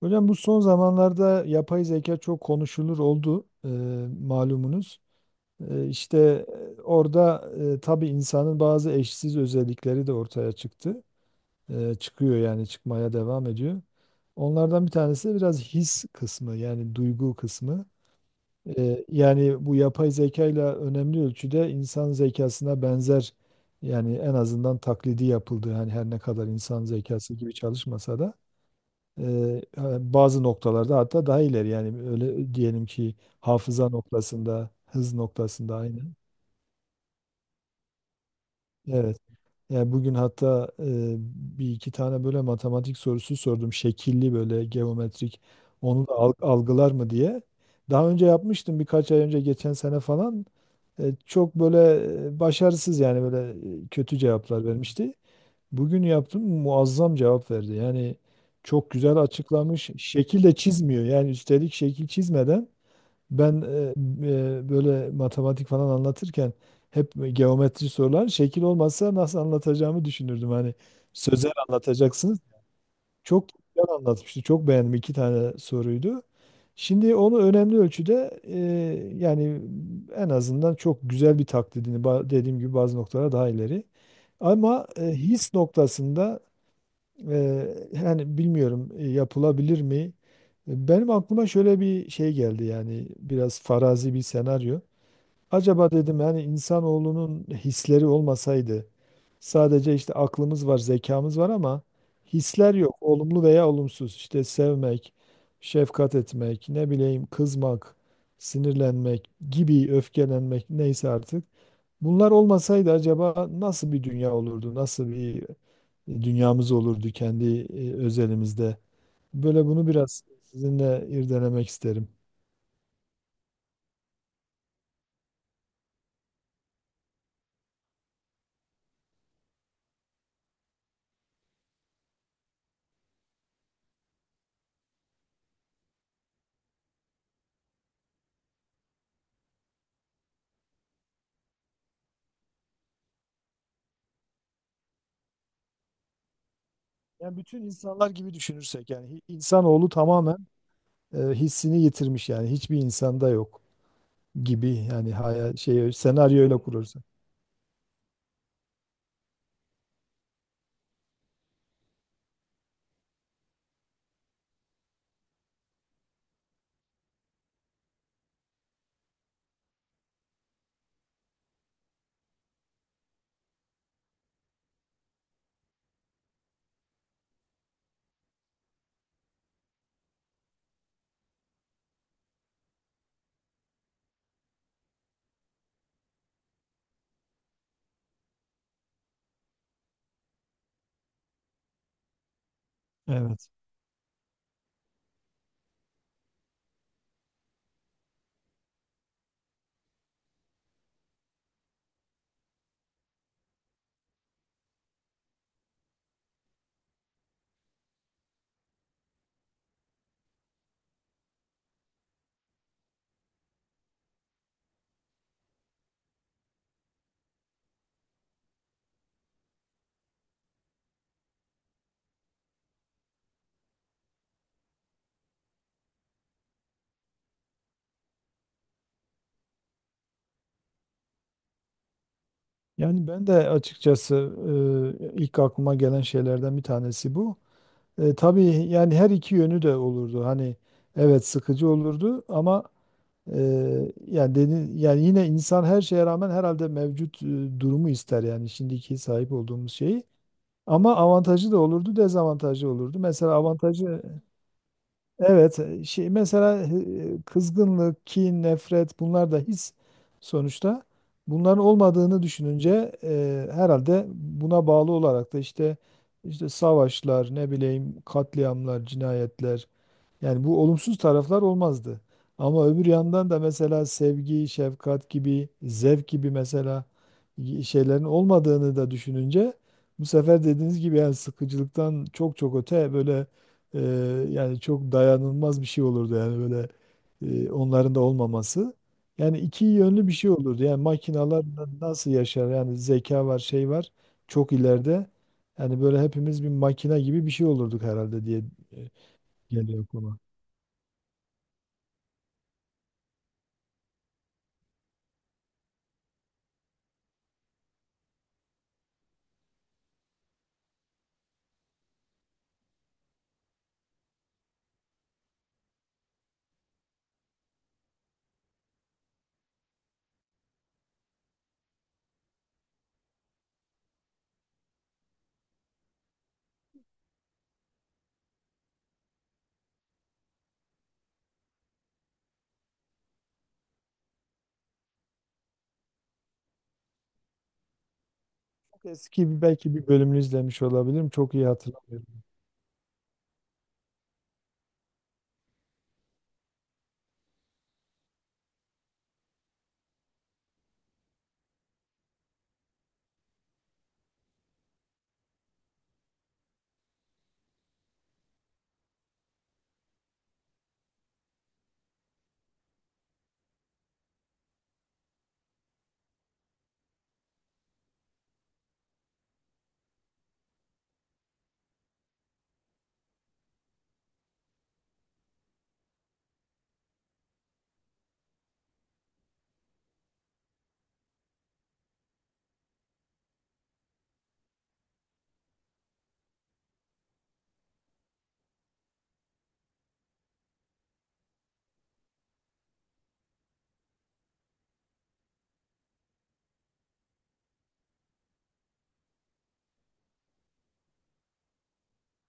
Hocam, bu son zamanlarda yapay zeka çok konuşulur oldu, malumunuz. İşte orada tabii insanın bazı eşsiz özellikleri de ortaya çıktı. Çıkıyor, yani çıkmaya devam ediyor. Onlardan bir tanesi de biraz his kısmı, yani duygu kısmı. Yani bu yapay zeka ile önemli ölçüde insan zekasına benzer, yani en azından taklidi yapıldı. Yani her ne kadar insan zekası gibi çalışmasa da. Eee, Bazı noktalarda hatta daha ileri, yani öyle diyelim ki hafıza noktasında, hız noktasında aynı. Evet. Yani bugün hatta bir iki tane böyle matematik sorusu sordum. Şekilli, böyle geometrik. Onu da algılar mı diye. Daha önce yapmıştım, birkaç ay önce, geçen sene falan. Çok böyle başarısız, yani böyle kötü cevaplar vermişti. Bugün yaptım, muazzam cevap verdi. Yani çok güzel açıklamış. Şekil de çizmiyor. Yani üstelik şekil çizmeden ben böyle matematik falan anlatırken hep geometri sorular şekil olmazsa nasıl anlatacağımı düşünürdüm. Hani sözel anlatacaksınız. Çok güzel anlatmıştı. Çok beğendim. İki tane soruydu. Şimdi onu önemli ölçüde yani en azından çok güzel bir taklidini dediğim gibi bazı noktalara daha ileri. Ama his noktasında, yani bilmiyorum, yapılabilir mi? Benim aklıma şöyle bir şey geldi, yani biraz farazi bir senaryo. Acaba dedim, yani insanoğlunun hisleri olmasaydı, sadece işte aklımız var, zekamız var ama hisler yok. Olumlu veya olumsuz, işte sevmek, şefkat etmek, ne bileyim kızmak, sinirlenmek gibi, öfkelenmek, neyse artık. Bunlar olmasaydı acaba nasıl bir dünya olurdu? Nasıl bir dünyamız olurdu kendi özelimizde. Böyle bunu biraz sizinle irdelemek isterim. Yani bütün insanlar gibi düşünürsek, yani insanoğlu tamamen hissini yitirmiş, yani hiçbir insanda yok gibi, yani hayal şey senaryo öyle kurursak. Evet. Yani ben de açıkçası ilk aklıma gelen şeylerden bir tanesi bu. Tabii, yani her iki yönü de olurdu. Hani evet, sıkıcı olurdu ama yani yani yine insan her şeye rağmen herhalde mevcut durumu ister, yani şimdiki sahip olduğumuz şeyi. Ama avantajı da olurdu, dezavantajı olurdu. Mesela avantajı, evet şey mesela, kızgınlık, kin, nefret, bunlar da his sonuçta. Bunların olmadığını düşününce herhalde buna bağlı olarak da işte savaşlar, ne bileyim katliamlar, cinayetler, yani bu olumsuz taraflar olmazdı. Ama öbür yandan da mesela sevgi, şefkat gibi, zevk gibi, mesela şeylerin olmadığını da düşününce, bu sefer dediğiniz gibi, yani sıkıcılıktan çok çok öte, böyle e, yani çok dayanılmaz bir şey olurdu, yani böyle onların da olmaması. Yani iki yönlü bir şey olurdu. Yani makinalar nasıl yaşar? Yani zeka var, şey var, çok ileride. Yani böyle hepimiz bir makina gibi bir şey olurduk herhalde diye e, geliyor aklıma. Eski bir, belki bir bölümünü izlemiş olabilirim. Çok iyi hatırlamıyorum.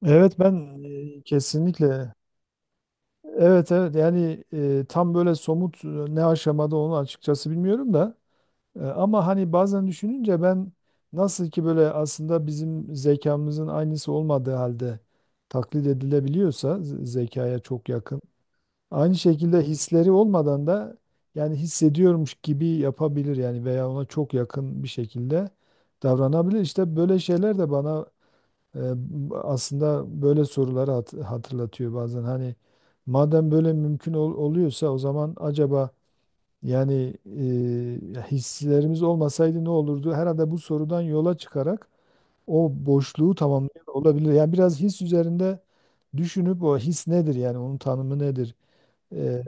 Evet ben kesinlikle, evet, evet, yani tam böyle somut, ne aşamada onu açıkçası bilmiyorum da. Ama hani bazen düşününce ben, nasıl ki böyle aslında bizim zekamızın aynısı olmadığı halde taklit edilebiliyorsa zekaya çok yakın. Aynı şekilde hisleri olmadan da, yani hissediyormuş gibi yapabilir, yani veya ona çok yakın bir şekilde davranabilir. İşte böyle şeyler de bana e, aslında böyle soruları hatırlatıyor bazen. Hani madem böyle mümkün oluyorsa, o zaman acaba, yani hislerimiz olmasaydı ne olurdu? Herhalde bu sorudan yola çıkarak o boşluğu tamamlayan olabilir. Yani biraz his üzerinde düşünüp o his nedir, yani onun tanımı nedir? E,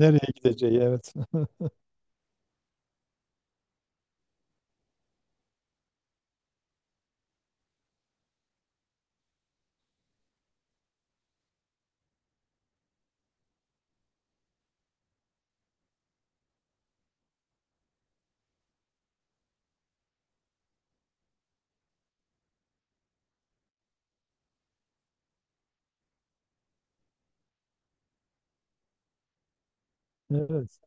Nereye gideceği, evet. Evet.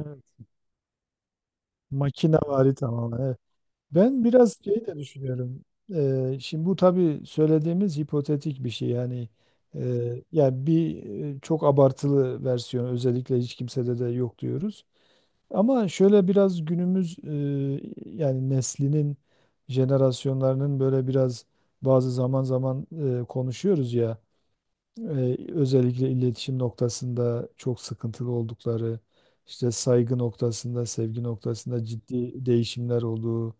Evet. Makinevari tamamen. Evet. Ben biraz şey de düşünüyorum. Şimdi bu tabii söylediğimiz hipotetik bir şey, yani yani bir çok abartılı versiyon, özellikle hiç kimsede de yok diyoruz. Ama şöyle biraz günümüz yani neslinin, jenerasyonlarının böyle biraz bazı zaman zaman konuşuyoruz ya. Özellikle iletişim noktasında çok sıkıntılı oldukları, işte saygı noktasında, sevgi noktasında ciddi değişimler olduğu,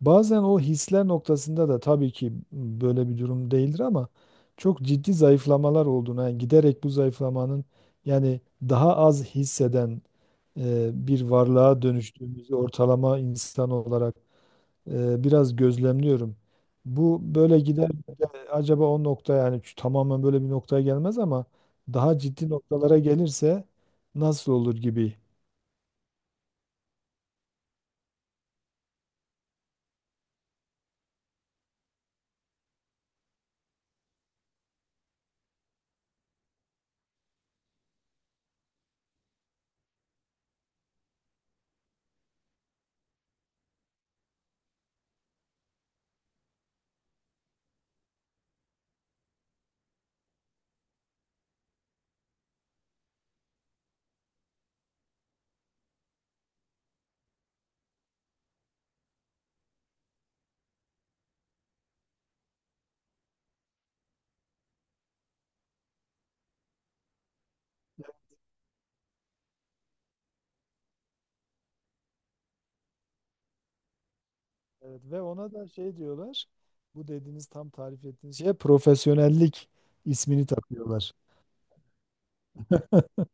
bazen o hisler noktasında da tabii ki böyle bir durum değildir ama çok ciddi zayıflamalar olduğuna, yani giderek bu zayıflamanın, yani daha az hisseden bir varlığa dönüştüğümüzü ortalama insan olarak biraz gözlemliyorum. Bu böyle gider de acaba o nokta, yani şu tamamen böyle bir noktaya gelmez ama daha ciddi noktalara gelirse nasıl olur gibi. Evet, ve ona da şey diyorlar. Bu dediğiniz, tam tarif ettiğiniz şeye profesyonellik ismini takıyorlar.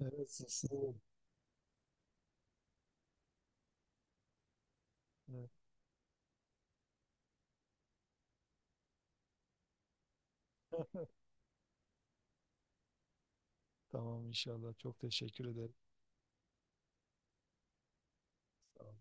Evet, evet. Tamam, inşallah. Çok teşekkür ederim. Sağ olun.